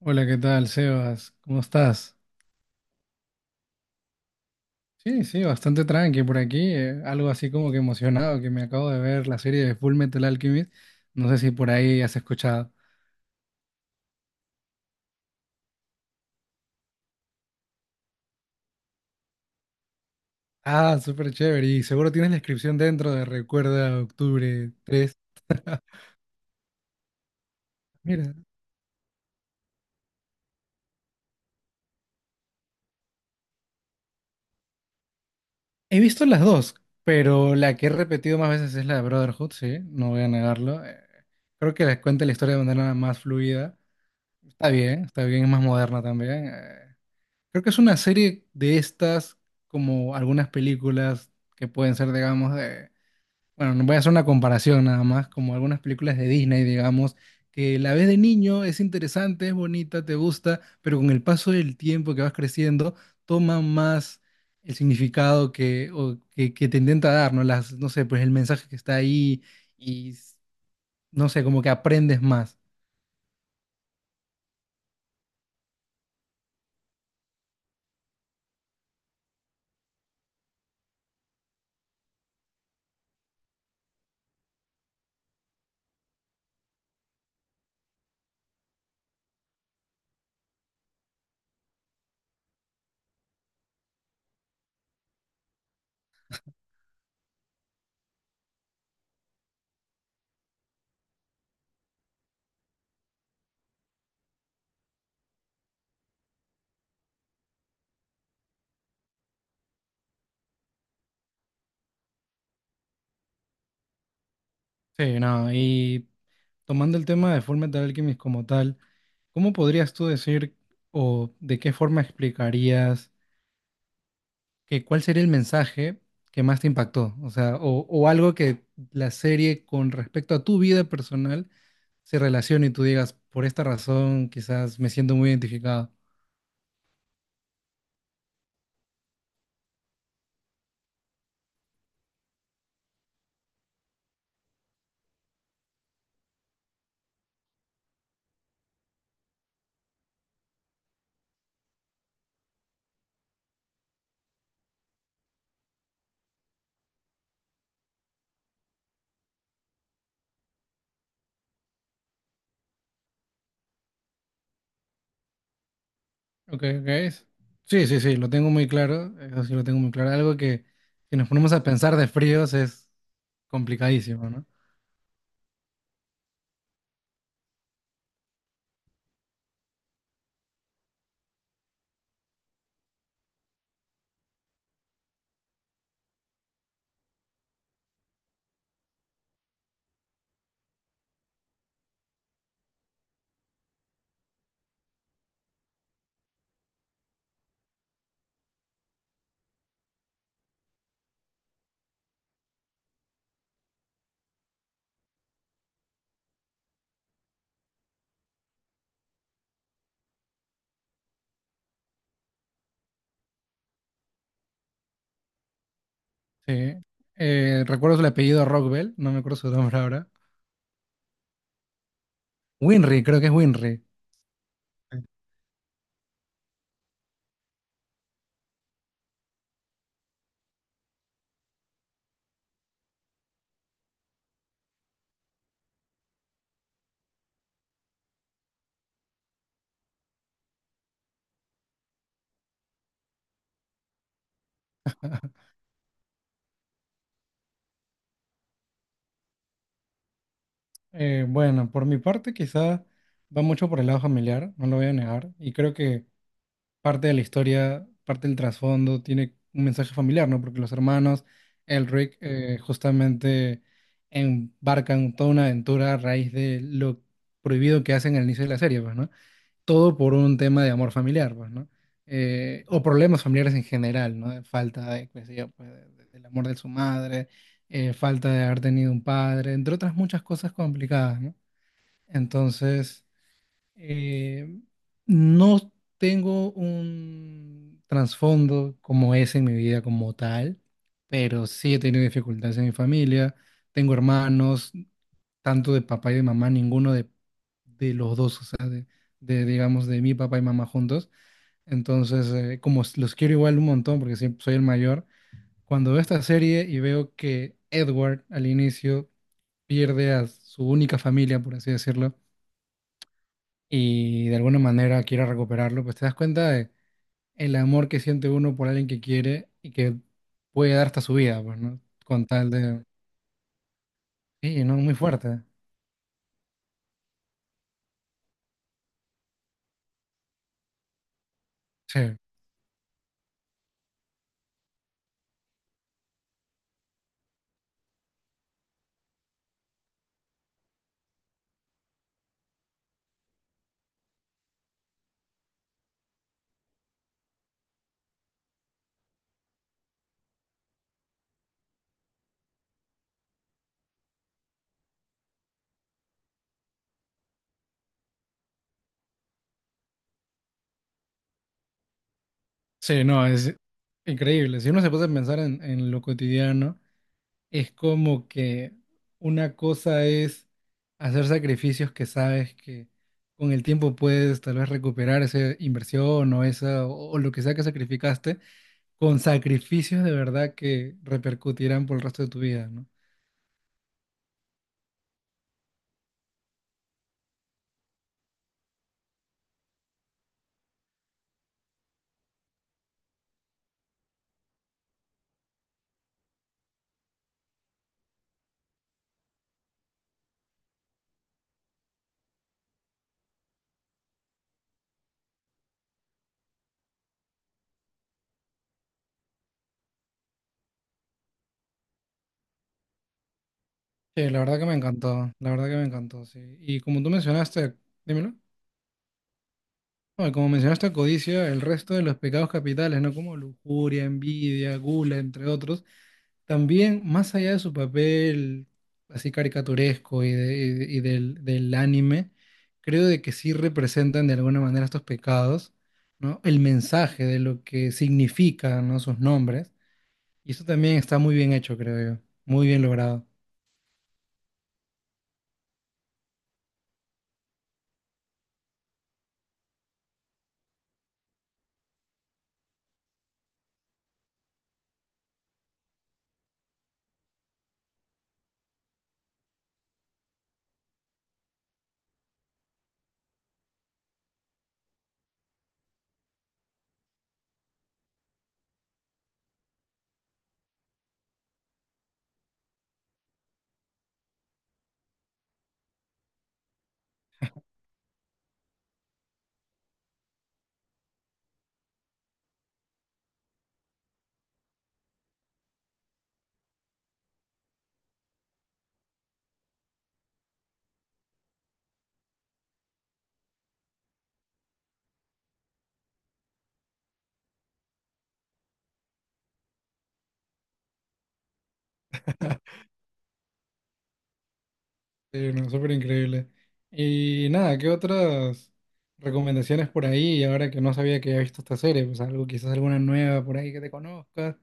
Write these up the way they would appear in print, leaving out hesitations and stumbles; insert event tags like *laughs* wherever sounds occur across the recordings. Hola, ¿qué tal, Sebas? ¿Cómo estás? Sí, sí, bastante tranqui por aquí. Algo así como que emocionado, que me acabo de ver la serie de Full Metal Alchemist. No sé si por ahí has escuchado. Ah, súper chévere. Y seguro tienes la inscripción dentro de Recuerda Octubre 3. Mira, he visto las dos, pero la que he repetido más veces es la de Brotherhood, sí, no voy a negarlo. Creo que les cuenta la historia de manera más fluida. Está bien, es más moderna también. Creo que es una serie de estas, como algunas películas que pueden ser, digamos, de... Bueno, no voy a hacer una comparación nada más, como algunas películas de Disney, digamos, que la ves de niño, es interesante, es bonita, te gusta, pero con el paso del tiempo que vas creciendo, toma más el significado que, o que te intenta dar, ¿no? Las, no sé, pues el mensaje que está ahí y, no sé, como que aprendes más. Sí, no, y tomando el tema de Fullmetal Alchemist como tal, ¿cómo podrías tú decir o de qué forma explicarías que cuál sería el mensaje que más te impactó? O sea, o algo que la serie con respecto a tu vida personal se relacione y tú digas, por esta razón quizás me siento muy identificado. Ok, ok. Sí, sí, sí, lo tengo muy claro. Eso sí lo tengo muy claro. Algo que si nos ponemos a pensar de fríos es complicadísimo, ¿no? Sí. Recuerdo el apellido Rockbell, no me acuerdo su nombre ahora. Winry, creo que es Winry. Bueno, por mi parte quizá va mucho por el lado familiar, no lo voy a negar. Y creo que parte de la historia, parte del trasfondo, tiene un mensaje familiar, ¿no? Porque los hermanos Elric justamente embarcan toda una aventura a raíz de lo prohibido que hacen al inicio de la serie, pues, ¿no? Todo por un tema de amor familiar, pues, ¿no? O problemas familiares en general, ¿no? Falta de, qué sé yo, pues, del amor de su madre, falta de haber tenido un padre, entre otras muchas cosas complicadas, ¿no? Entonces... Eh, no tengo un trasfondo como ese en mi vida como tal, pero sí he tenido dificultades en mi familia. Tengo hermanos, tanto de papá y de mamá, ninguno de los dos, o sea, digamos, de mi papá y mamá juntos. Entonces, como los quiero igual un montón, porque siempre soy el mayor, cuando veo esta serie y veo que Edward al inicio pierde a su única familia, por así decirlo, y de alguna manera quiera recuperarlo, pues te das cuenta de el amor que siente uno por alguien que quiere y que puede dar hasta su vida, pues, ¿no? Con tal de... Sí, no, muy fuerte. Sí, sí, no, es increíble. Si uno se puede pensar en lo cotidiano, es como que una cosa es hacer sacrificios que sabes que con el tiempo puedes tal vez recuperar esa inversión o esa o lo que sea que sacrificaste con sacrificios de verdad que repercutirán por el resto de tu vida, ¿no? Sí, la verdad que me encantó, la verdad que me encantó, sí. Y como tú mencionaste, dímelo, no, y como mencionaste codicia, el resto de los pecados capitales, ¿no? Como lujuria, envidia, gula, entre otros, también más allá de su papel así caricaturesco y, del anime, creo de que sí representan de alguna manera estos pecados, ¿no? El mensaje de lo que significan, ¿no? Sus nombres. Y eso también está muy bien hecho, creo yo. Muy bien logrado. Sí, no, súper increíble. Y nada, ¿qué otras recomendaciones por ahí? Ahora que no sabía que había visto esta serie, pues algo, quizás alguna nueva por ahí que te conozcas.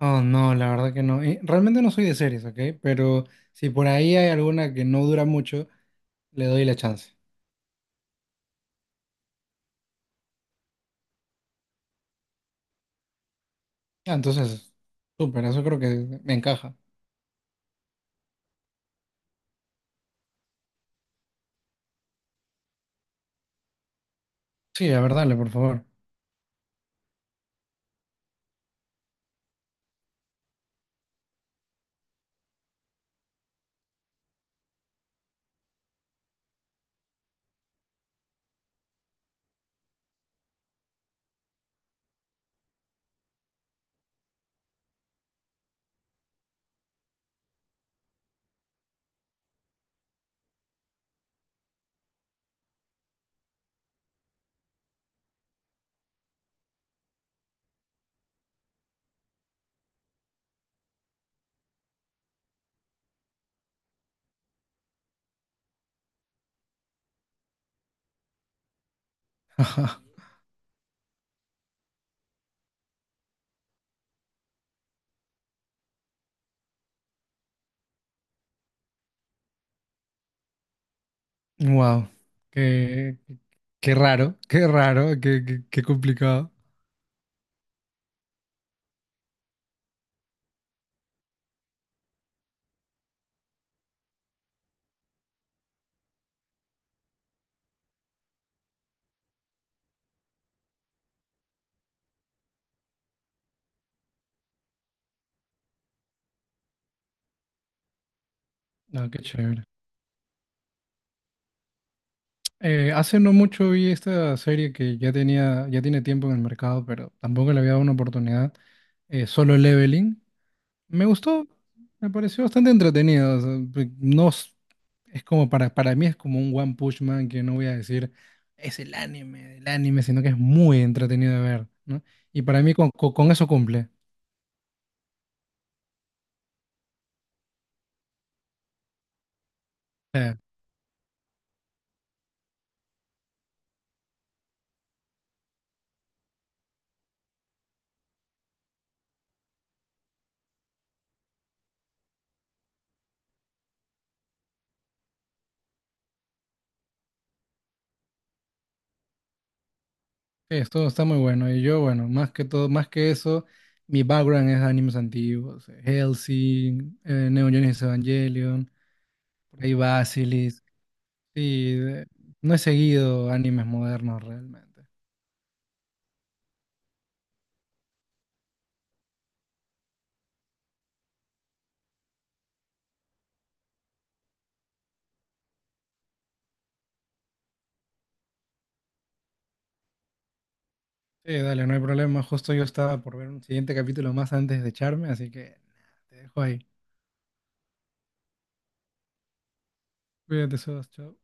Oh, no, la verdad que no. Realmente no soy de series, ¿ok? Pero si por ahí hay alguna que no dura mucho, le doy la chance. Ah, entonces, súper, eso creo que me encaja. Sí, a ver, dale, por favor. *laughs* Wow, qué, qué raro, qué complicado. No, qué chévere. Hace no mucho vi esta serie que ya tenía, ya tiene tiempo en el mercado, pero tampoco le había dado una oportunidad. Solo Leveling. Me gustó, me pareció bastante entretenido. O sea, pe- no s- es como para mí es como un One Punch Man que no voy a decir es el anime, sino que es muy entretenido de ver, ¿no? Y para mí con eso cumple. Sí, esto está muy bueno. Y yo, bueno, más que todo, más que eso, mi background es animes antiguos, Hellsing, Neon Genesis Evangelion, por ahí Basilisk. Sí, no he seguido animes modernos realmente. Sí, dale, no hay problema. Justo yo estaba por ver un siguiente capítulo más antes de echarme, así que nada, te dejo ahí. Cuídate, Sebas, chao.